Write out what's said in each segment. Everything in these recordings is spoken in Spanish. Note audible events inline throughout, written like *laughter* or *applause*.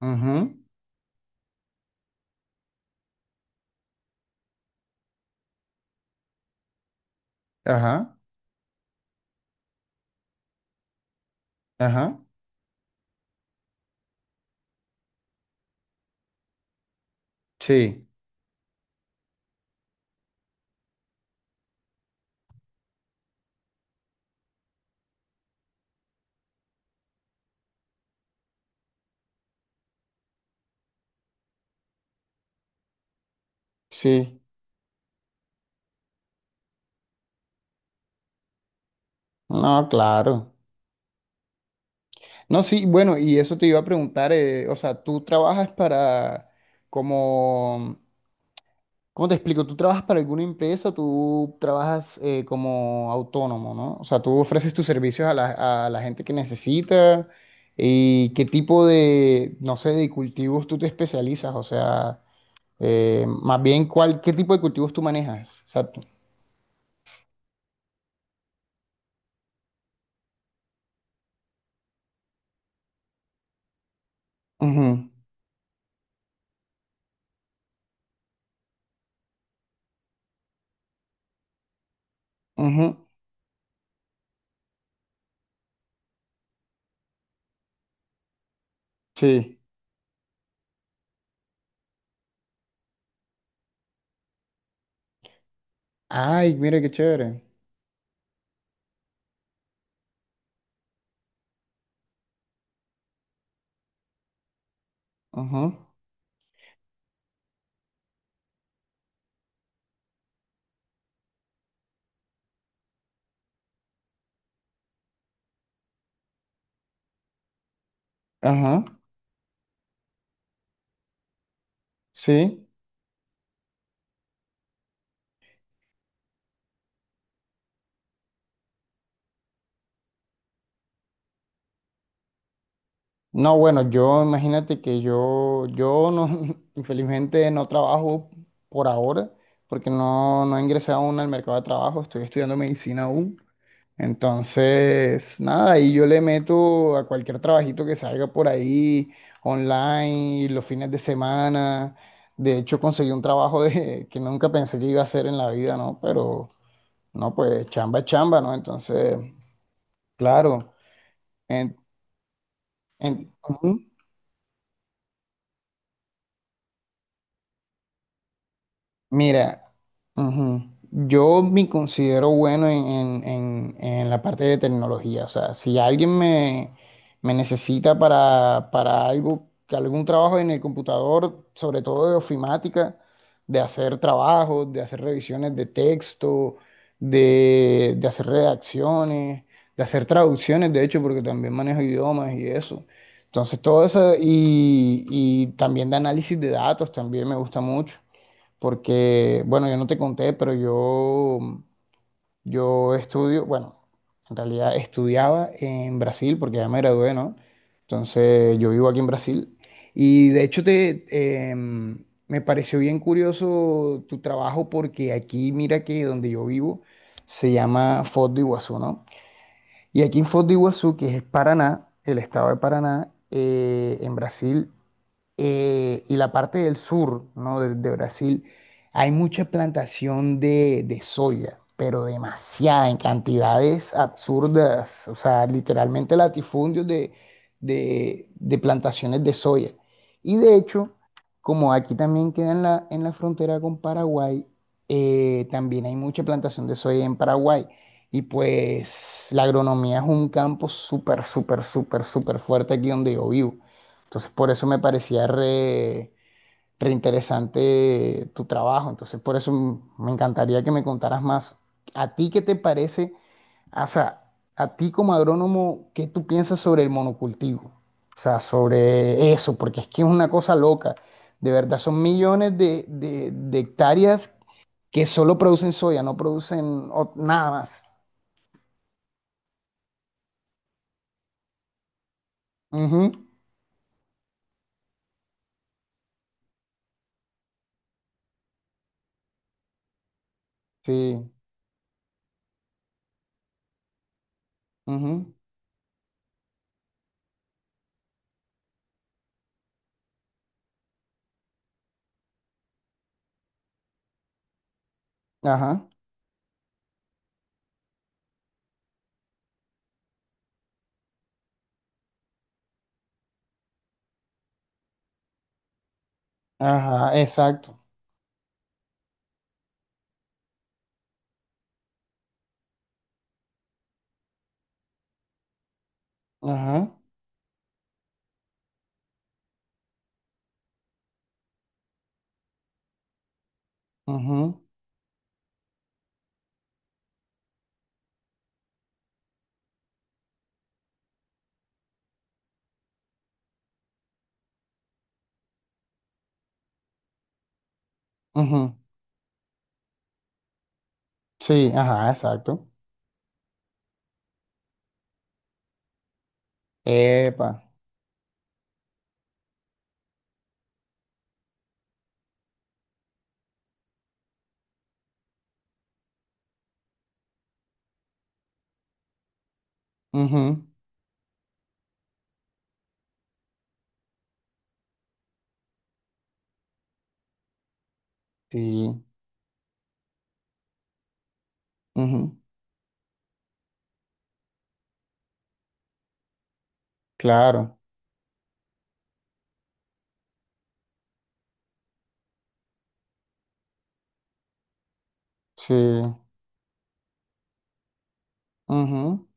Ujú, ajá, ajá, sí, sí, no, claro. No, sí, bueno, y eso te iba a preguntar, o sea, tú trabajas para, como, ¿cómo te explico? ¿Tú trabajas para alguna empresa o tú trabajas como autónomo, ¿no? O sea, tú ofreces tus servicios a la gente que necesita y qué tipo de, no sé, de cultivos tú te especializas, o sea, más bien, ¿cuál, qué tipo de cultivos tú manejas? Exacto. Ujú, ujú, sí. Ay, mira qué chévere. Ajá, ajá. Sí. No, bueno, yo imagínate que yo, no, *laughs* infelizmente no trabajo por ahora, porque no he ingresado aún al mercado de trabajo, estoy estudiando medicina aún. Entonces, nada, ahí yo le meto a cualquier trabajito que salga por ahí, online, los fines de semana. De hecho, conseguí un trabajo de, *laughs* que nunca pensé que iba a hacer en la vida, ¿no? Pero, no, pues chamba es chamba, ¿no? Entonces. Claro. En, Ujú. Mira, ujú, yo me considero bueno en la parte de tecnología. O sea, si alguien me, necesita para algo, que algún trabajo en el computador, sobre todo de ofimática, de hacer trabajos, de hacer revisiones de texto, de hacer redacciones, de hacer traducciones, de hecho, porque también manejo idiomas y eso. Entonces, todo eso, y, también de análisis de datos, también me gusta mucho porque, bueno, yo no te conté, pero yo estudio, bueno, en realidad estudiaba en Brasil porque ya me gradué, ¿no? Entonces yo vivo aquí en Brasil y de hecho me pareció bien curioso tu trabajo porque aquí, mira que donde yo vivo se llama Foz de Iguazú, ¿no? Y aquí en Foz de Iguazú, que es Paraná, el estado de Paraná, en Brasil y la parte del sur, ¿no? De, de, Brasil, hay mucha plantación de soya, pero demasiada, en cantidades absurdas, o sea, literalmente latifundios de plantaciones de soya. Y de hecho, como aquí también queda en la frontera con Paraguay, también hay mucha plantación de soya en Paraguay. Y pues la agronomía es un campo súper, súper, súper, súper fuerte aquí donde yo vivo. Entonces, por eso me parecía re interesante tu trabajo. Entonces, por eso me encantaría que me contaras más. ¿A ti qué te parece? O sea, a ti como agrónomo, ¿qué tú piensas sobre el monocultivo? O sea, sobre eso, porque es que es una cosa loca. De verdad, son millones de hectáreas que solo producen soya, no producen nada más. Ujú, sí. Ujú, ajá. Ajá, exacto. Ajá. Ujú, ujú. Sí, ajá, exacto. Epa. Ujú, sí. Ujú, claro. Sí. Ujú.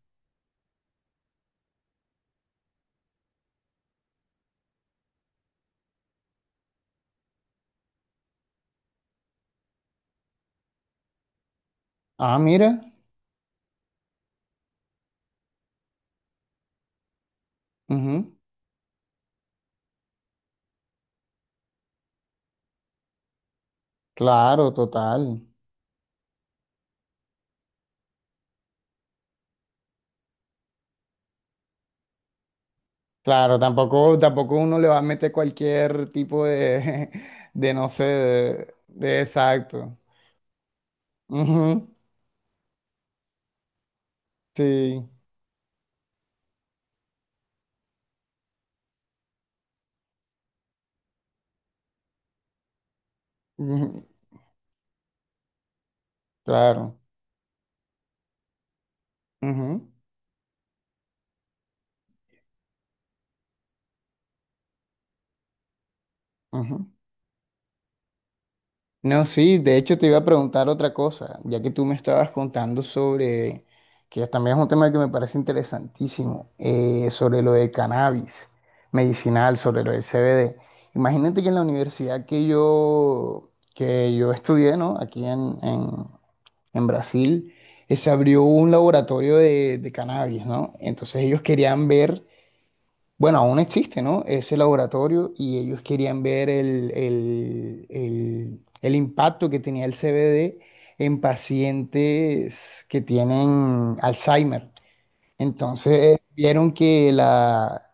Ah, mira. Ujú, claro, total. Claro, tampoco, tampoco uno le va a meter cualquier tipo de, *laughs* de no sé, de exacto. Ujú, sí. Ujú, claro. Ujú, ujú. No, sí, de hecho te iba a preguntar otra cosa, ya que tú me estabas contando sobre, que también es un tema que me parece interesantísimo, sobre lo del cannabis medicinal, sobre lo del CBD. Imagínate que en la universidad que yo, estudié, ¿no? Aquí en Brasil, se abrió un laboratorio de cannabis, ¿no? Entonces ellos querían ver bueno, aún existe, ¿no? Ese laboratorio y ellos querían ver el impacto que tenía el CBD en pacientes que tienen Alzheimer. Entonces vieron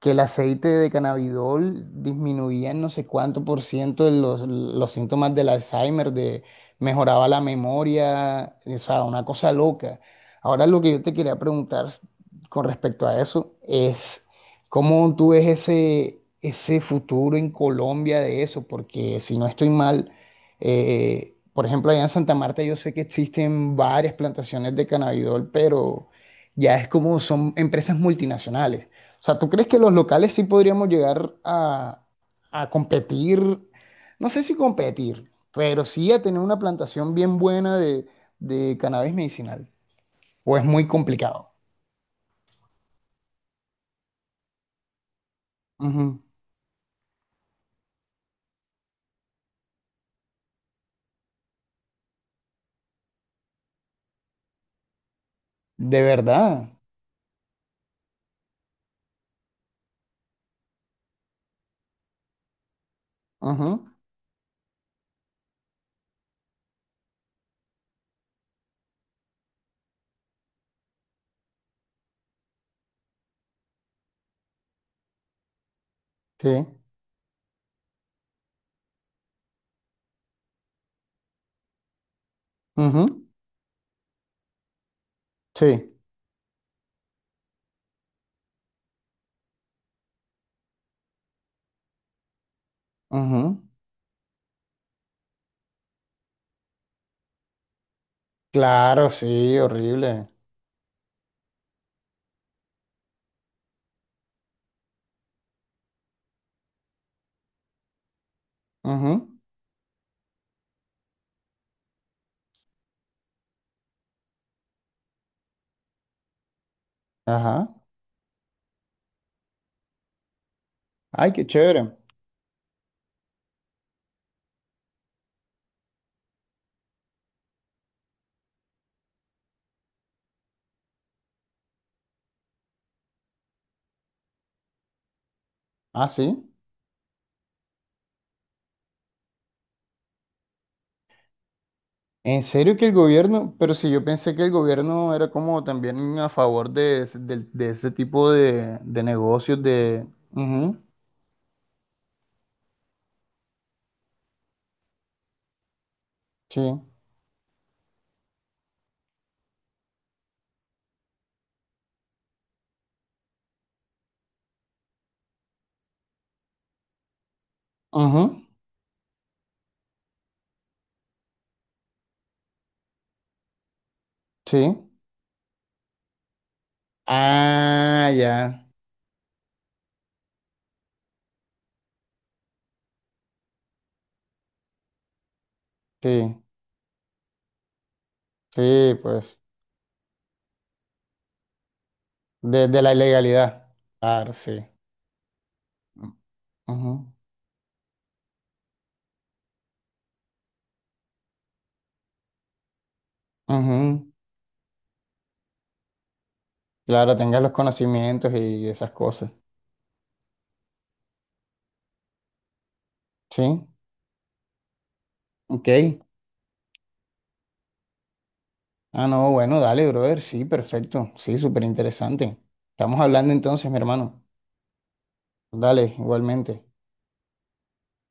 que el aceite de cannabidol disminuía en no sé cuánto por ciento de los síntomas del Alzheimer, mejoraba la memoria, o sea, una cosa loca. Ahora lo que yo te quería preguntar con respecto a eso es, ¿cómo tú ves ese futuro en Colombia de eso? Porque si no estoy mal, por ejemplo, allá en Santa Marta yo sé que existen varias plantaciones de cannabidol, pero ya es como son empresas multinacionales. O sea, ¿tú crees que los locales sí podríamos llegar a, competir? No sé si competir, pero sí a tener una plantación bien buena de cannabis medicinal. O es muy complicado. Ujú. De verdad. Ujú. Sí. Ujú. Sí. Ujú. Claro, sí, horrible. Ujú. Ajá. Ay, qué chévere. Ah, sí. ¿En serio que el gobierno? Pero si yo pensé que el gobierno era como también a favor de, ese de ese tipo de, negocios de. Ujú, sí. Ujú, sí. Ah, ya. Sí, sí, pues. de la ilegalidad. Claro, sí. Ujú, ujú. Claro, tengas los conocimientos y esas cosas. Sí. Ok. Ah, no, bueno, dale, brother. Sí, perfecto. Sí, súper interesante. Estamos hablando entonces, mi hermano. Dale, igualmente.